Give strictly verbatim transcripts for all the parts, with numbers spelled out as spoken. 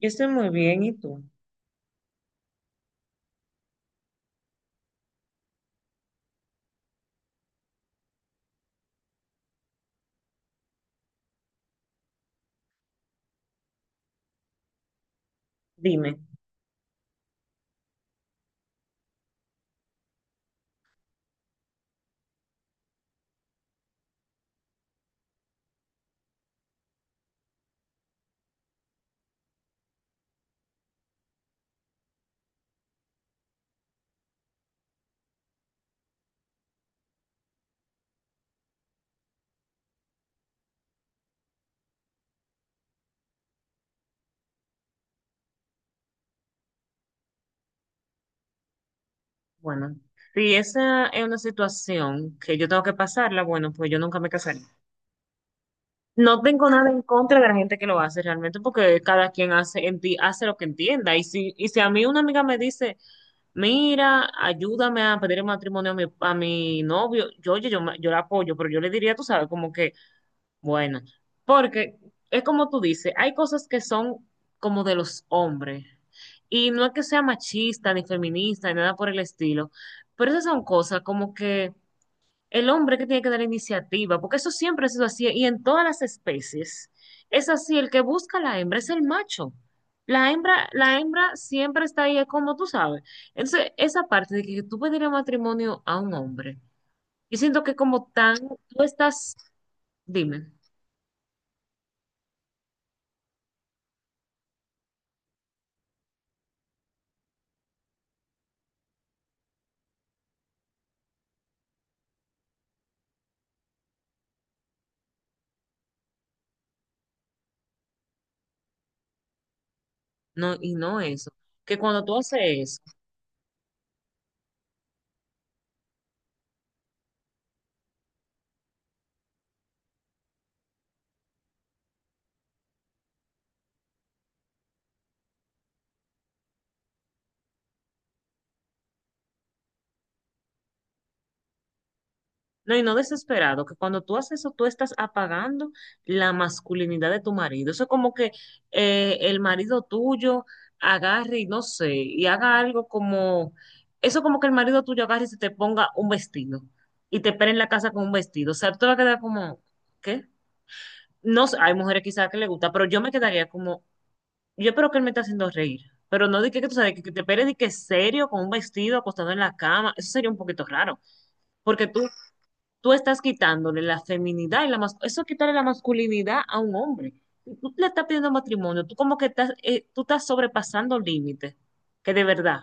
Yo estoy muy bien, ¿y tú? Dime. Bueno, si esa es una situación que yo tengo que pasarla, bueno, pues yo nunca me casaré. No tengo nada en contra de la gente que lo hace realmente, porque cada quien hace, enti- hace lo que entienda. Y si, y si a mí una amiga me dice, mira, ayúdame a pedir el matrimonio a mi, a mi novio, yo, oye, yo, me- yo la apoyo, pero yo le diría, tú sabes, como que bueno, porque es como tú dices, hay cosas que son como de los hombres. Y no es que sea machista ni feminista ni nada por el estilo, pero esas son cosas como que el hombre que tiene que dar la iniciativa, porque eso siempre ha sido así y en todas las especies es así, el que busca a la hembra es el macho. La hembra, la hembra siempre está ahí, es como tú sabes. Entonces, esa parte de que tú pedirle matrimonio a un hombre, yo siento que como tan, tú estás, dime. No, y no eso, que cuando tú haces eso, no, y no desesperado, que cuando tú haces eso, tú estás apagando la masculinidad de tu marido. Eso es como que eh, el marido tuyo agarre y no sé, y haga algo como, eso como que el marido tuyo agarre y se te ponga un vestido y te espere en la casa con un vestido. O sea, tú te vas a quedar como, ¿qué? No sé, hay mujeres quizás que le gusta, pero yo me quedaría como, yo espero que él me esté haciendo reír, pero no de que, que tú sabes, que, que te esperes de que serio, con un vestido acostado en la cama, eso sería un poquito raro, porque tú, tú estás quitándole la feminidad y la mas- eso es quitarle la masculinidad a un hombre. Y tú le estás pidiendo matrimonio, tú como que estás, eh, tú estás sobrepasando límites, que de verdad,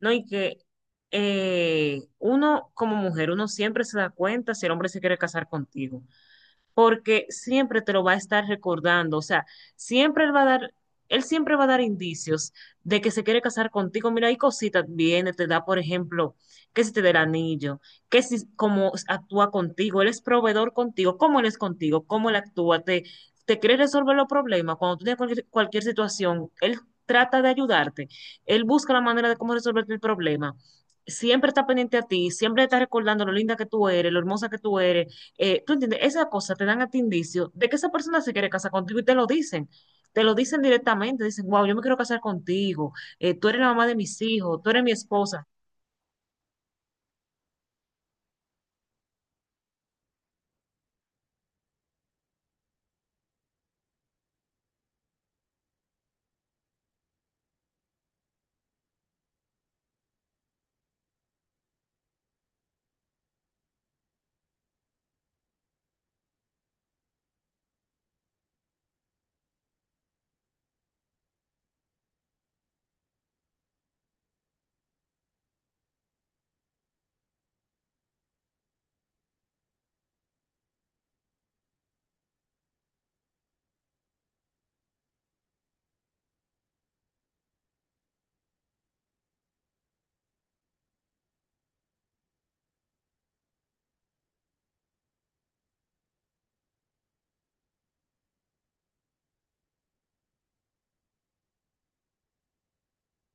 ¿no? Y que eh, uno como mujer, uno siempre se da cuenta si el hombre se quiere casar contigo, porque siempre te lo va a estar recordando, o sea, siempre él va a dar, él siempre va a dar indicios de que se quiere casar contigo. Mira, hay cositas, viene, te da, por ejemplo, que si te da el anillo, que si cómo actúa contigo, él es proveedor contigo, cómo él es contigo, cómo él actúa, te, te quiere resolver los problemas, cuando tú tienes cualquier, cualquier situación, él trata de ayudarte, él busca la manera de cómo resolverte el problema. Siempre está pendiente a ti, siempre está recordando lo linda que tú eres, lo hermosa que tú eres. Eh, ¿tú entiendes? Esa cosa te dan a ti indicio de que esa persona se quiere casar contigo y te lo dicen. Te lo dicen directamente, dicen, wow, yo me quiero casar contigo, eh, tú eres la mamá de mis hijos, tú eres mi esposa.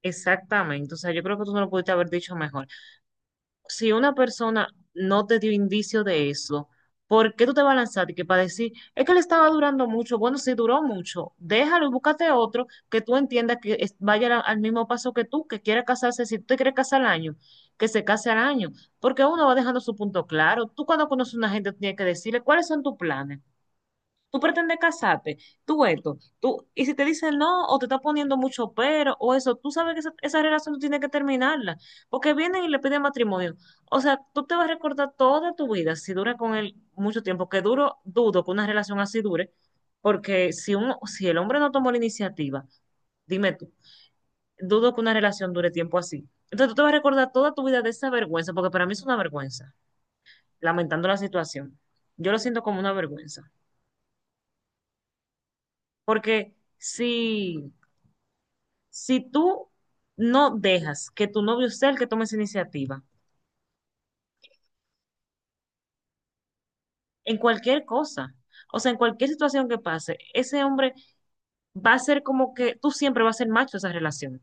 Exactamente, o sea, yo creo que tú no lo pudiste haber dicho mejor. Si una persona no te dio indicio de eso, ¿por qué tú te vas a lanzar? Y que para decir, es que le estaba durando mucho, bueno, si duró mucho, déjalo y búscate otro que tú entiendas que es- vaya al, al mismo paso que tú, que quiera casarse, si tú te quieres casar al año, que se case al año, porque uno va dejando su punto claro. Tú cuando conoces a una gente tú tienes que decirle, ¿cuáles son tus planes? Tú pretendes casarte, tú esto, tú, y si te dicen no, o te está poniendo mucho pero, o eso, tú sabes que esa, esa relación tú tienes que terminarla, porque vienen y le piden matrimonio. O sea, tú te vas a recordar toda tu vida, si dura con él mucho tiempo, que duro, dudo que una relación así dure, porque si, un, si el hombre no tomó la iniciativa, dime tú, dudo que una relación dure tiempo así. Entonces tú te vas a recordar toda tu vida de esa vergüenza, porque para mí es una vergüenza, lamentando la situación. Yo lo siento como una vergüenza, porque si Si tú no dejas que tu novio sea el que tome esa iniciativa, en cualquier cosa, o sea, en cualquier situación que pase, ese hombre va a ser como que tú siempre vas a ser macho de esa relación.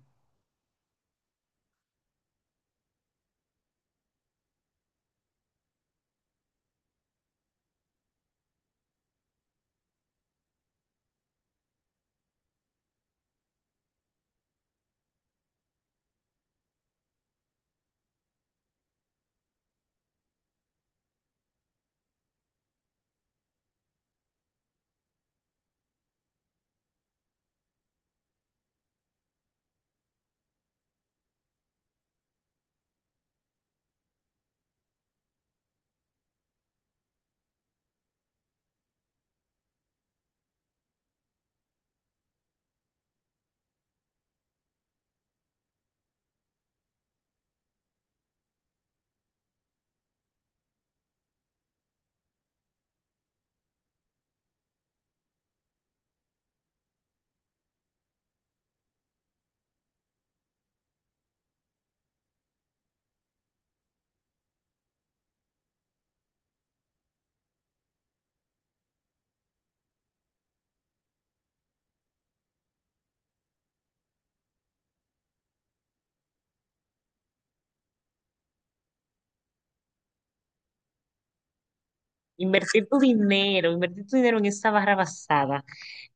Invertir tu dinero, invertir tu dinero en esa barra basada.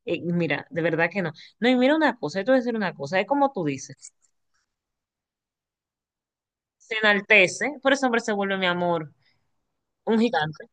eh, mira, de verdad que no. No, y mira una cosa, yo te voy a decir una cosa, es como tú dices, se enaltece, por ese hombre se vuelve mi amor, un gigante.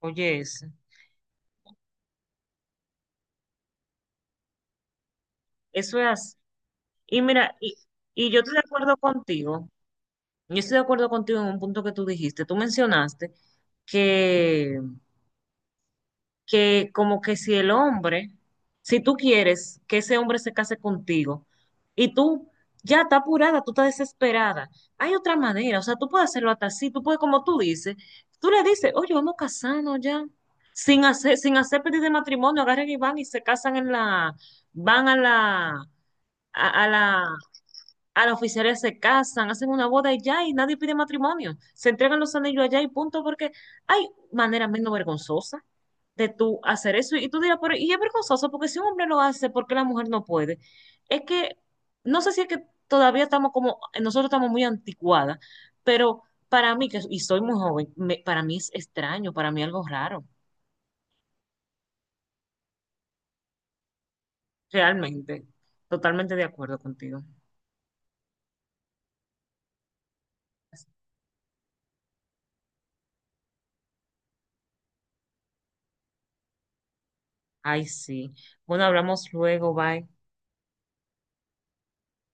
Oye, ese, eso es así. Y mira, y, y yo estoy de acuerdo contigo. Yo estoy de acuerdo contigo en un punto que tú dijiste. Tú mencionaste que, que como que si el hombre, si tú quieres que ese hombre se case contigo y tú ya estás apurada, tú estás desesperada, hay otra manera, o sea, tú puedes hacerlo hasta así, tú puedes, como tú dices, tú le dices, oye, vamos a casarnos ya, sin hacer, sin hacer pedir de matrimonio, agarran y van y se casan en la, van a la, a, a la a los oficiales se casan, hacen una boda y ya, y nadie pide matrimonio. Se entregan los anillos allá y punto, porque hay manera menos vergonzosa de tú hacer eso. Y tú dirás, pero y es vergonzoso, porque si un hombre lo hace, ¿por qué la mujer no puede? Es que, no sé si es que todavía estamos como, nosotros estamos muy anticuadas, pero para mí, que, y soy muy joven, me- para mí es extraño, para mí algo raro, realmente. Totalmente de acuerdo contigo. Ay, sí. Bueno, hablamos luego, bye.